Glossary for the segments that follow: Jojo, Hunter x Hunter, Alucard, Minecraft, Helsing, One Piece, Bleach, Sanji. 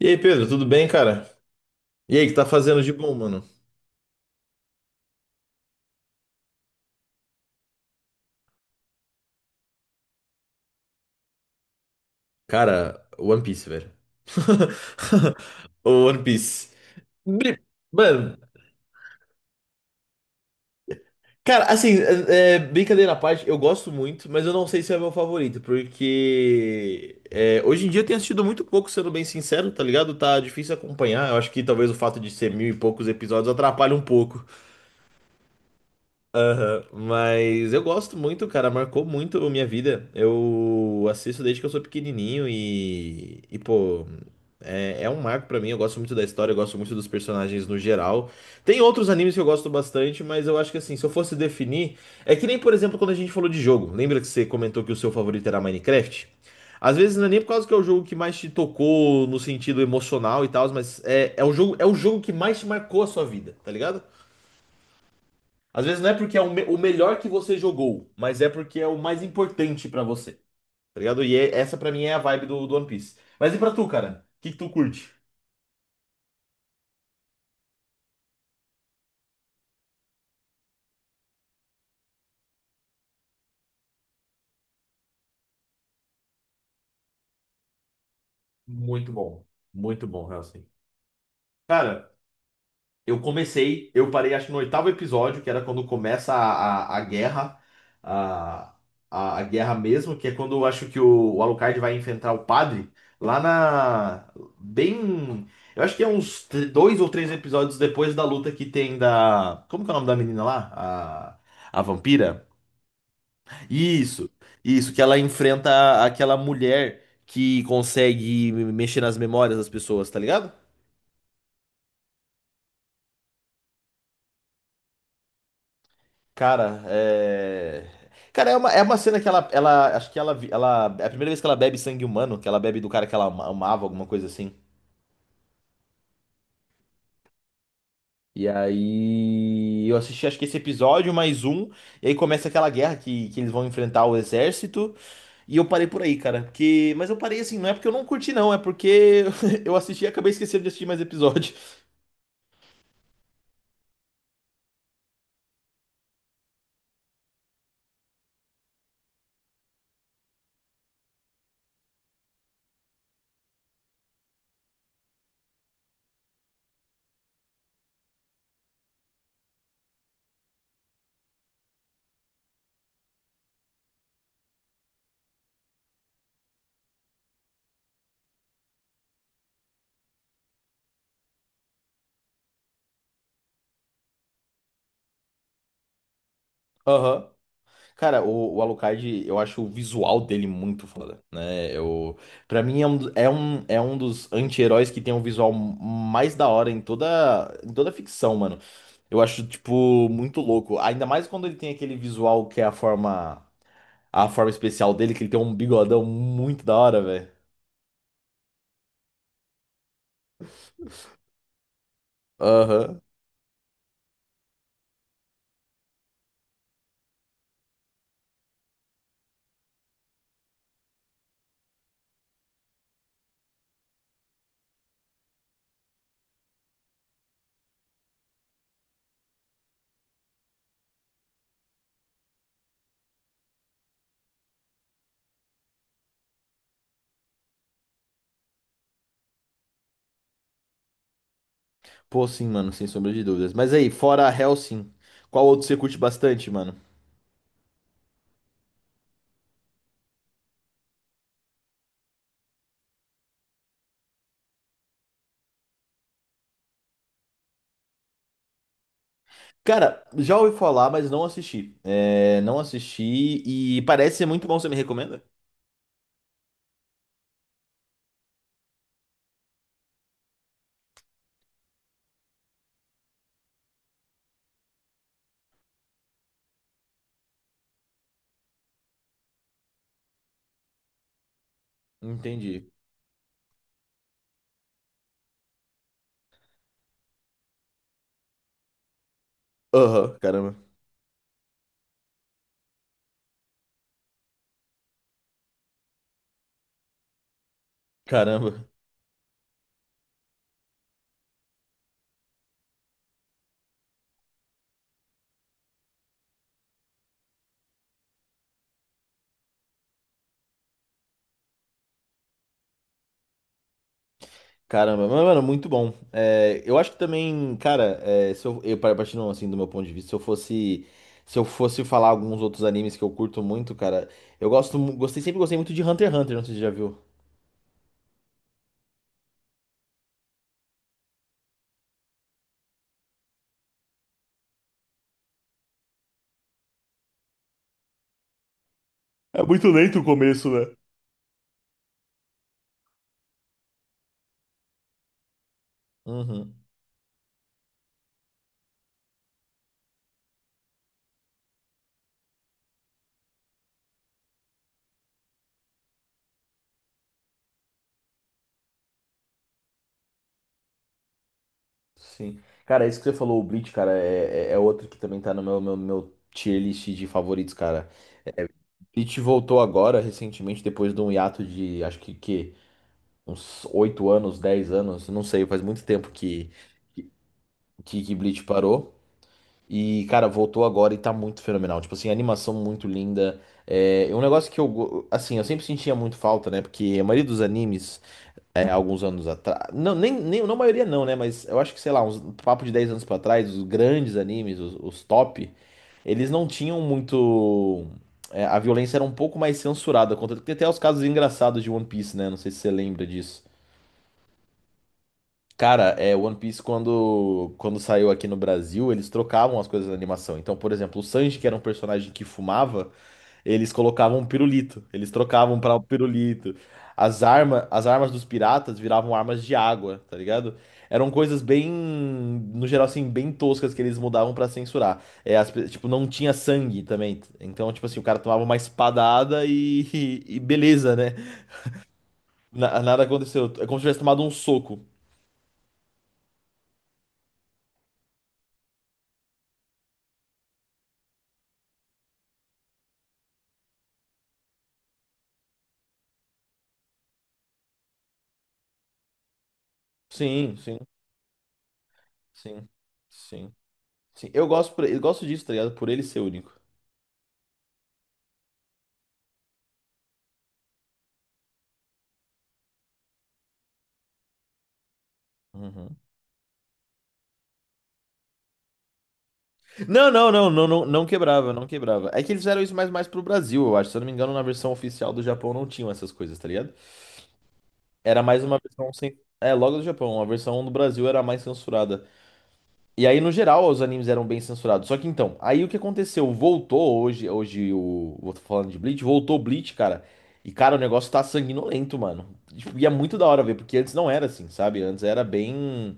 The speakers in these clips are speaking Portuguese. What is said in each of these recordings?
E aí, Pedro, tudo bem, cara? E aí, o que tá fazendo de bom, mano? Cara, One Piece, velho. O One Piece. Bri- Mano, cara, assim, brincadeira à parte, eu gosto muito, mas eu não sei se é meu favorito, porque hoje em dia eu tenho assistido muito pouco, sendo bem sincero, tá ligado? Tá difícil acompanhar. Eu acho que talvez o fato de ser mil e poucos episódios atrapalhe um pouco. Aham. Mas eu gosto muito, cara, marcou muito a minha vida. Eu assisto desde que eu sou pequenininho e pô, é um marco pra mim. Eu gosto muito da história, eu gosto muito dos personagens no geral. Tem outros animes que eu gosto bastante, mas eu acho que assim, se eu fosse definir, é que nem, por exemplo, quando a gente falou de jogo. Lembra que você comentou que o seu favorito era Minecraft? Às vezes não é nem por causa que é o jogo que mais te tocou no sentido emocional e tal, mas é o jogo que mais te marcou a sua vida, tá ligado? Às vezes não é porque é o melhor que você jogou, mas é porque é o mais importante pra você. Tá ligado? Essa pra mim é a vibe do One Piece. Mas e pra tu, cara? Que tu curte? Muito bom. Muito bom, Helsing. Cara, eu comecei, eu parei acho que no oitavo episódio, que era quando começa a guerra, a, a guerra mesmo, que é quando eu acho que o Alucard vai enfrentar o padre lá na. Bem. Eu acho que é uns dois ou três episódios depois da luta que tem da. Como que é o nome da menina lá? A vampira? Isso, isso, que ela enfrenta aquela mulher que consegue mexer nas memórias das pessoas, tá ligado? Cara, é. Cara, é uma cena que ela. Acho que ela. É a primeira vez que ela bebe sangue humano, que ela bebe do cara que ela amava, alguma coisa assim. E aí. Eu assisti, acho que esse episódio, mais um. E aí começa aquela guerra que eles vão enfrentar o exército. E eu parei por aí, cara. Porque... Mas eu parei assim, não é porque eu não curti, não. É porque eu assisti e acabei esquecendo de assistir mais episódio. Aham. Cara, o Alucard, eu acho o visual dele muito foda, né? Pra mim é um dos anti-heróis que tem um visual mais da hora em toda ficção, mano. Eu acho, tipo, muito louco. Ainda mais quando ele tem aquele visual que é a forma especial dele, que ele tem um bigodão muito da hora, velho. Aham. Pô, sim, mano, sem sombra de dúvidas. Mas aí, fora Hellsing, qual outro você curte bastante, mano? Cara, já ouvi falar, mas não assisti. É, não assisti e parece ser muito bom. Você me recomenda? Entendi. Aham, caramba. Caramba. Caramba. Mas, mano, muito bom. É, eu acho que também, cara, é, se eu partindo assim do meu ponto de vista, se eu fosse, se eu fosse falar alguns outros animes que eu curto muito, cara, eu gostei, sempre gostei muito de Hunter x Hunter, não sei se você já viu. É muito lento o começo, né? Uhum. Sim. Cara, isso que você falou, o Bleach, cara, é outro que também tá no meu tier list de favoritos, cara. É, Bleach voltou agora, recentemente, depois de um hiato de, acho que uns 8 anos, 10 anos, não sei, faz muito tempo que Bleach parou. E, cara, voltou agora e tá muito fenomenal. Tipo assim, animação muito linda. É um negócio que eu, assim, eu sempre sentia muito falta, né? Porque a maioria dos animes é, alguns anos atrás. Não, nem, nem, não a maioria não, né? Mas eu acho que, sei lá, uns um papo de 10 anos pra trás, os grandes animes, os top, eles não tinham muito. É, a violência era um pouco mais censurada. Contra... Tem até os casos engraçados de One Piece, né? Não sei se você lembra disso. Cara, é, One Piece, quando saiu aqui no Brasil, eles trocavam as coisas na animação. Então, por exemplo, o Sanji, que era um personagem que fumava, eles colocavam um pirulito, eles trocavam para o pirulito. As armas dos piratas viravam armas de água, tá ligado? Eram coisas bem, no geral assim, bem toscas que eles mudavam pra censurar. É, tipo, não tinha sangue também. Então, tipo assim, o cara tomava uma espadada e, beleza, né? Nada aconteceu. É como se tivesse tomado um soco. Sim, sim, sim, sim, sim. Eu gosto disso, tá ligado? Por ele ser único. Uhum. Não, não, não, não, não, não quebrava, não quebrava. É que eles fizeram isso mais, mais pro Brasil, eu acho. Se eu não me engano, na versão oficial do Japão não tinham essas coisas, tá ligado? Era mais uma versão sem. É, logo do Japão, a versão do Brasil era mais censurada. E aí, no geral, os animes eram bem censurados. Só que então, aí o que aconteceu? Voltou hoje, hoje o. Vou falando de Bleach, voltou Bleach, cara. E, cara, o negócio tá sanguinolento, mano. Tipo, e é muito da hora ver, porque antes não era assim, sabe? Antes era bem,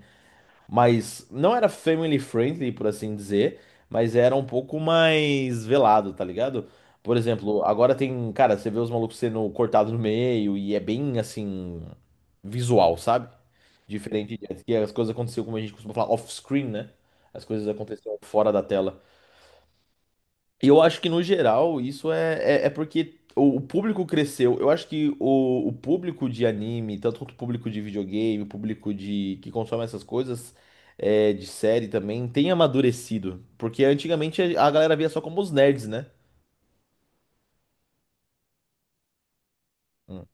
mas não era family friendly, por assim dizer, mas era um pouco mais velado, tá ligado? Por exemplo, agora tem, cara, você vê os malucos sendo cortados no meio e é bem assim visual, sabe? Diferente de antes, que as coisas aconteciam como a gente costuma falar off-screen, né? As coisas aconteciam fora da tela. E eu acho que, no geral, isso é porque o público cresceu. Eu acho que o público de anime, tanto quanto o público de videogame, o público de que consome essas coisas, é, de série também, tem amadurecido. Porque antigamente a galera via só como os nerds, né? Hum.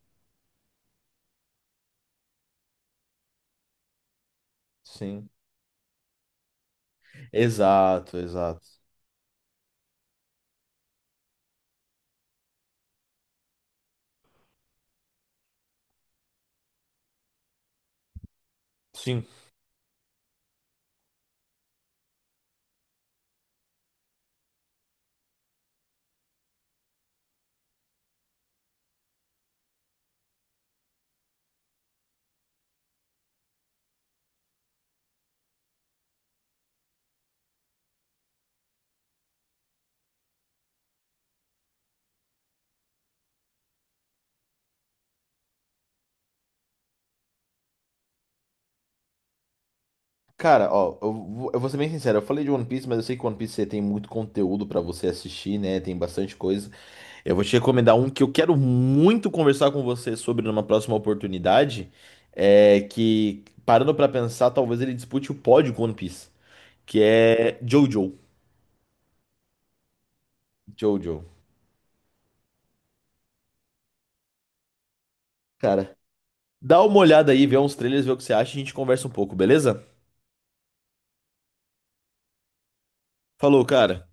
Sim. Exato, exato. Sim. Cara, ó, eu vou ser bem sincero, eu falei de One Piece, mas eu sei que One Piece tem muito conteúdo pra você assistir, né? Tem bastante coisa. Eu vou te recomendar um que eu quero muito conversar com você sobre numa próxima oportunidade, é que, parando pra pensar, talvez ele dispute o pódio com One Piece, que é Jojo. Jojo. Cara, dá uma olhada aí, vê uns trailers, vê o que você acha e a gente conversa um pouco, beleza? Falou, cara.